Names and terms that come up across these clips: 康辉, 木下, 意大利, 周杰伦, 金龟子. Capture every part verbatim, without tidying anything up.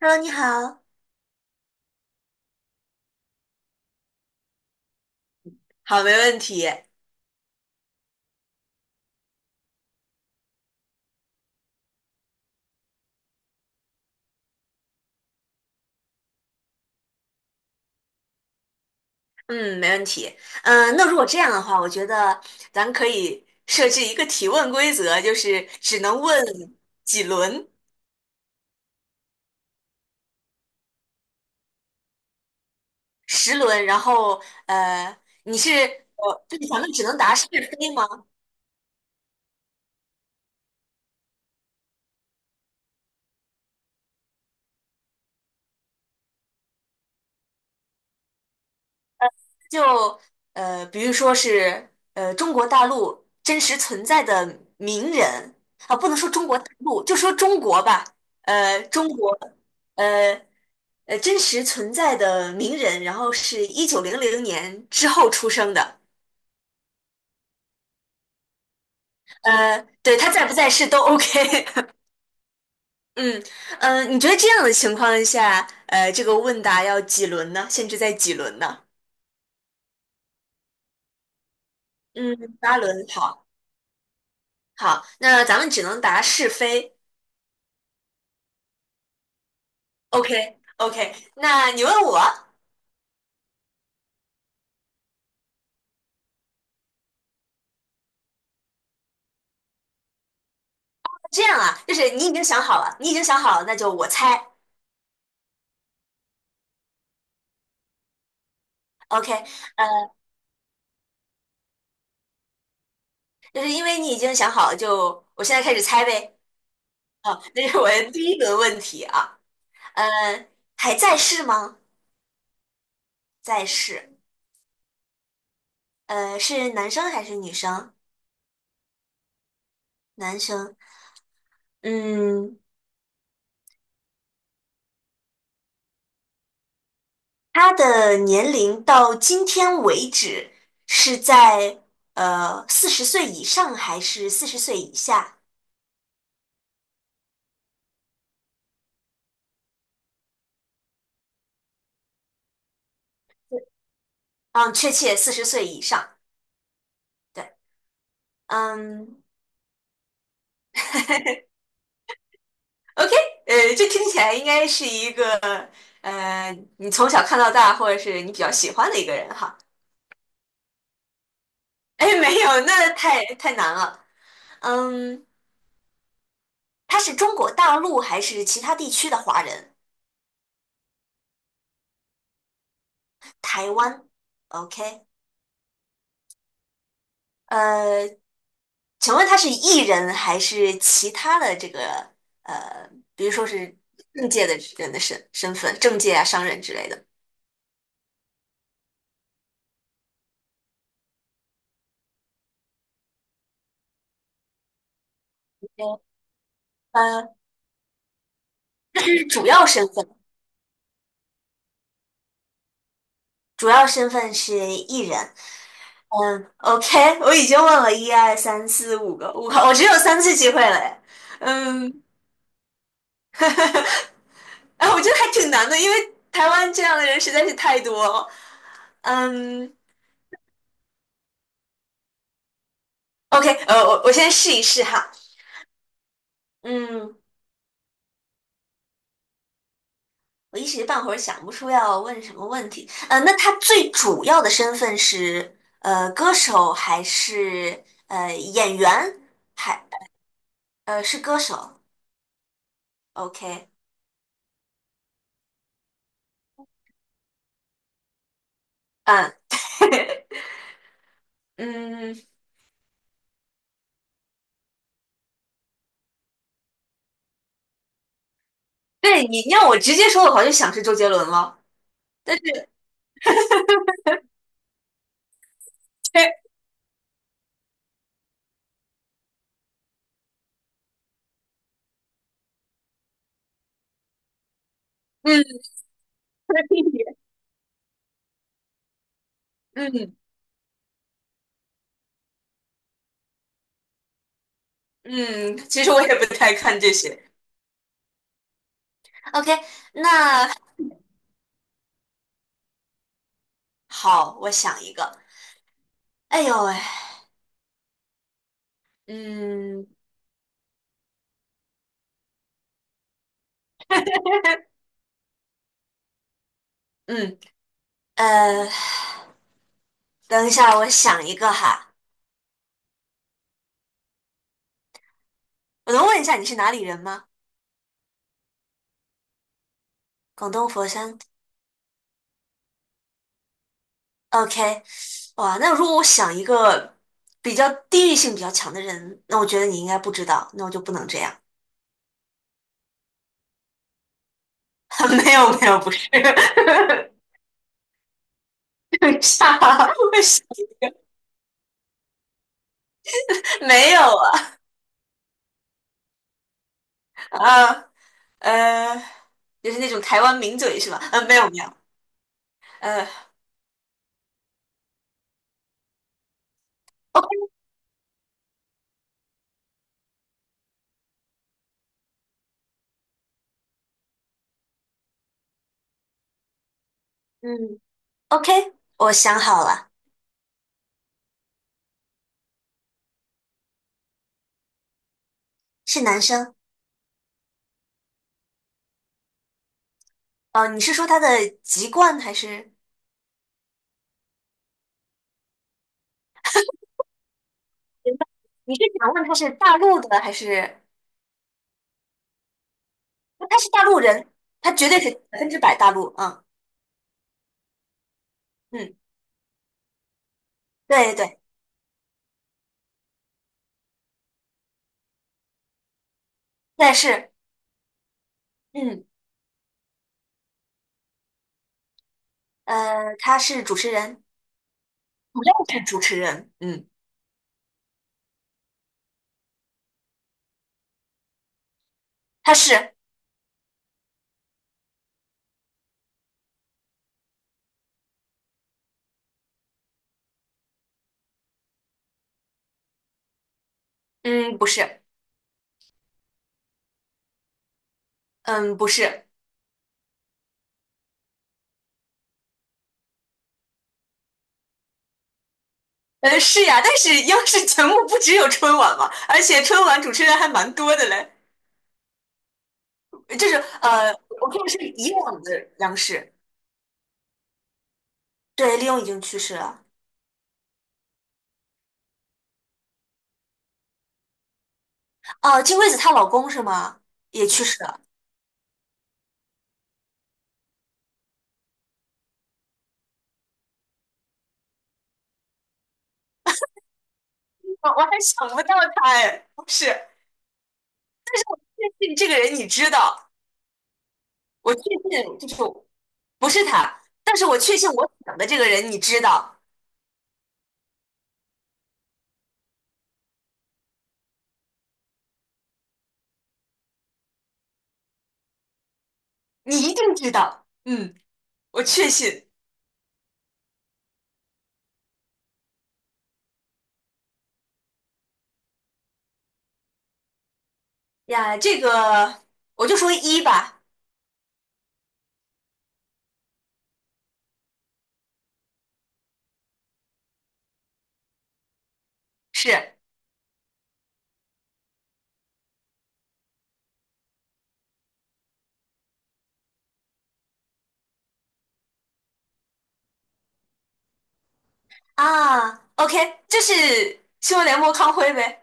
Hello，你好。好，没问题。嗯，没问题。嗯、那如果这样的话，我觉得咱可以设置一个提问规则，就是只能问几轮，十轮。然后，呃，你是呃，就是咱们只能答是非吗？就呃，比如说是呃，中国大陆真实存在的名人啊，不能说中国大陆，就说中国吧。呃，中国，呃。呃真实存在的名人，然后是一九零零年之后出生的，呃，对他在不在世都 OK。嗯，呃，你觉得这样的情况下，呃，这个问答要几轮呢？限制在几轮呢？嗯，八轮，好，好，那咱们只能答是非。OK，OK，那你问我，这样啊，就是你已经想好了，你已经想好了，那就我猜。OK，呃，就是因为你已经想好了，就我现在开始猜呗。好，这是我的第一轮问题啊。呃，还在世吗？在世。呃，是男生还是女生？男生。嗯，他的年龄到今天为止是在呃四十岁以上还是四十岁以下？嗯，确切四十岁以上。对，嗯，OK，呃，这听起来应该是一个呃，你从小看到大，或者是你比较喜欢的一个人哈。哎，没有，那太太难了。嗯。他是中国大陆还是其他地区的华人？台湾，OK，呃，请问他是艺人还是其他的这个呃，比如说是政界的人的身身份，政界啊、商人之类的？呃，是主要身份，主要身份是艺人。嗯，OK，我已经问了一二三四五个，我个，我只有三次机会了诶。嗯，哎，我觉得还挺难的，因为台湾这样的人实在是太多了。嗯，OK，呃，我我先试一试哈。嗯，我一时半会儿想不出要问什么问题。呃，那他最主要的身份是呃歌手还是呃演员？还呃是歌手？OK，嗯 嗯，对你让我直接说的话，就想是周杰伦了。但是，嗯，可以嗯他的弟弟，嗯，其实我也不太看这些。OK，那好，我想一个。哎呦喂，嗯嗯，呃，等一下，我想一个哈。我能问一下你是哪里人吗？广东佛山。OK，哇，那如果我想一个比较地域性比较强的人，那我觉得你应该不知道，那我就不能这样。没有没有，不是。等一下，为什么没有啊？啊呃，就是那种台湾名嘴是吧？呃，没有没有，呃。哦嗯。OK，我想好了，是男生。哦，你是说他的籍贯还是？明白你是想问他是大陆的还是？他是大陆人，他绝对是百分之百大陆。嗯嗯，对对对，但是嗯呃，他是主持人，主要是主持人。嗯，他是嗯不是嗯不是呃是呀，但是央视节目不只有春晚嘛，而且春晚主持人还蛮多的嘞，就是呃我看的是以往的央视。对，利用已经去世了。哦，金龟子她老公是吗？也去世了。我我还想不到他哎，不是，确信这个人你知道，我确信就是不是他，但是我确信我想的这个人你知道，你一定知道。嗯，我确信呀，这个我就说一吧，是啊，OK，这是新闻联播康辉呗？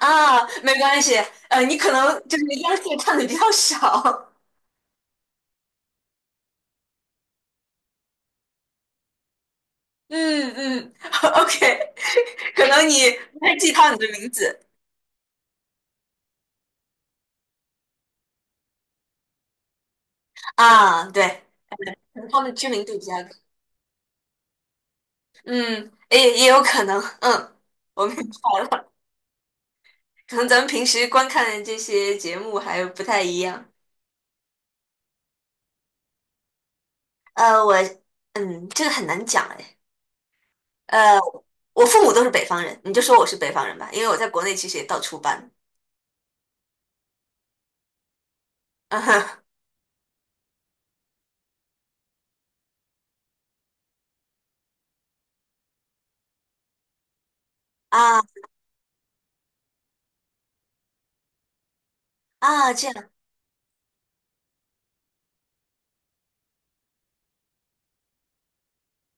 啊，没关系，呃，你可能就是央视看的比较少。嗯嗯 ，OK，可能你不会记他你的名字啊，对，可能他们知名度比较高，嗯，也也有可能，嗯，我们白了，可能咱们平时观看的这些节目还不太一样。呃，我，嗯，这个很难讲哎，呃，我父母都是北方人，你就说我是北方人吧，因为我在国内其实也到处搬，嗯哼，啊啊，这样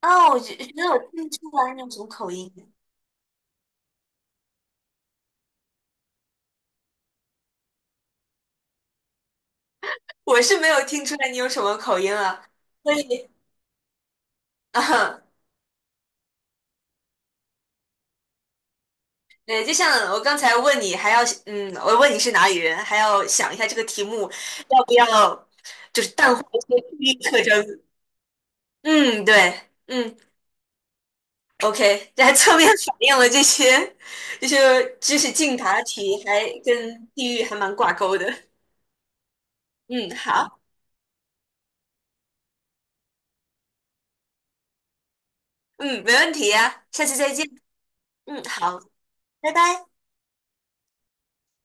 啊，我觉觉得我听不出来你有什么口音，我是没有听出来你有什么口音啊。所以。啊，哈，对，就像我刚才问你，还要嗯，我问你是哪里人，还要想一下这个题目要不要，就是淡化一些地域特征。嗯，对，嗯，OK，这还侧面反映了这些这些知识竞答题还跟地域还蛮挂钩的。嗯，好，嗯，没问题呀，下次再见。嗯，好，拜拜。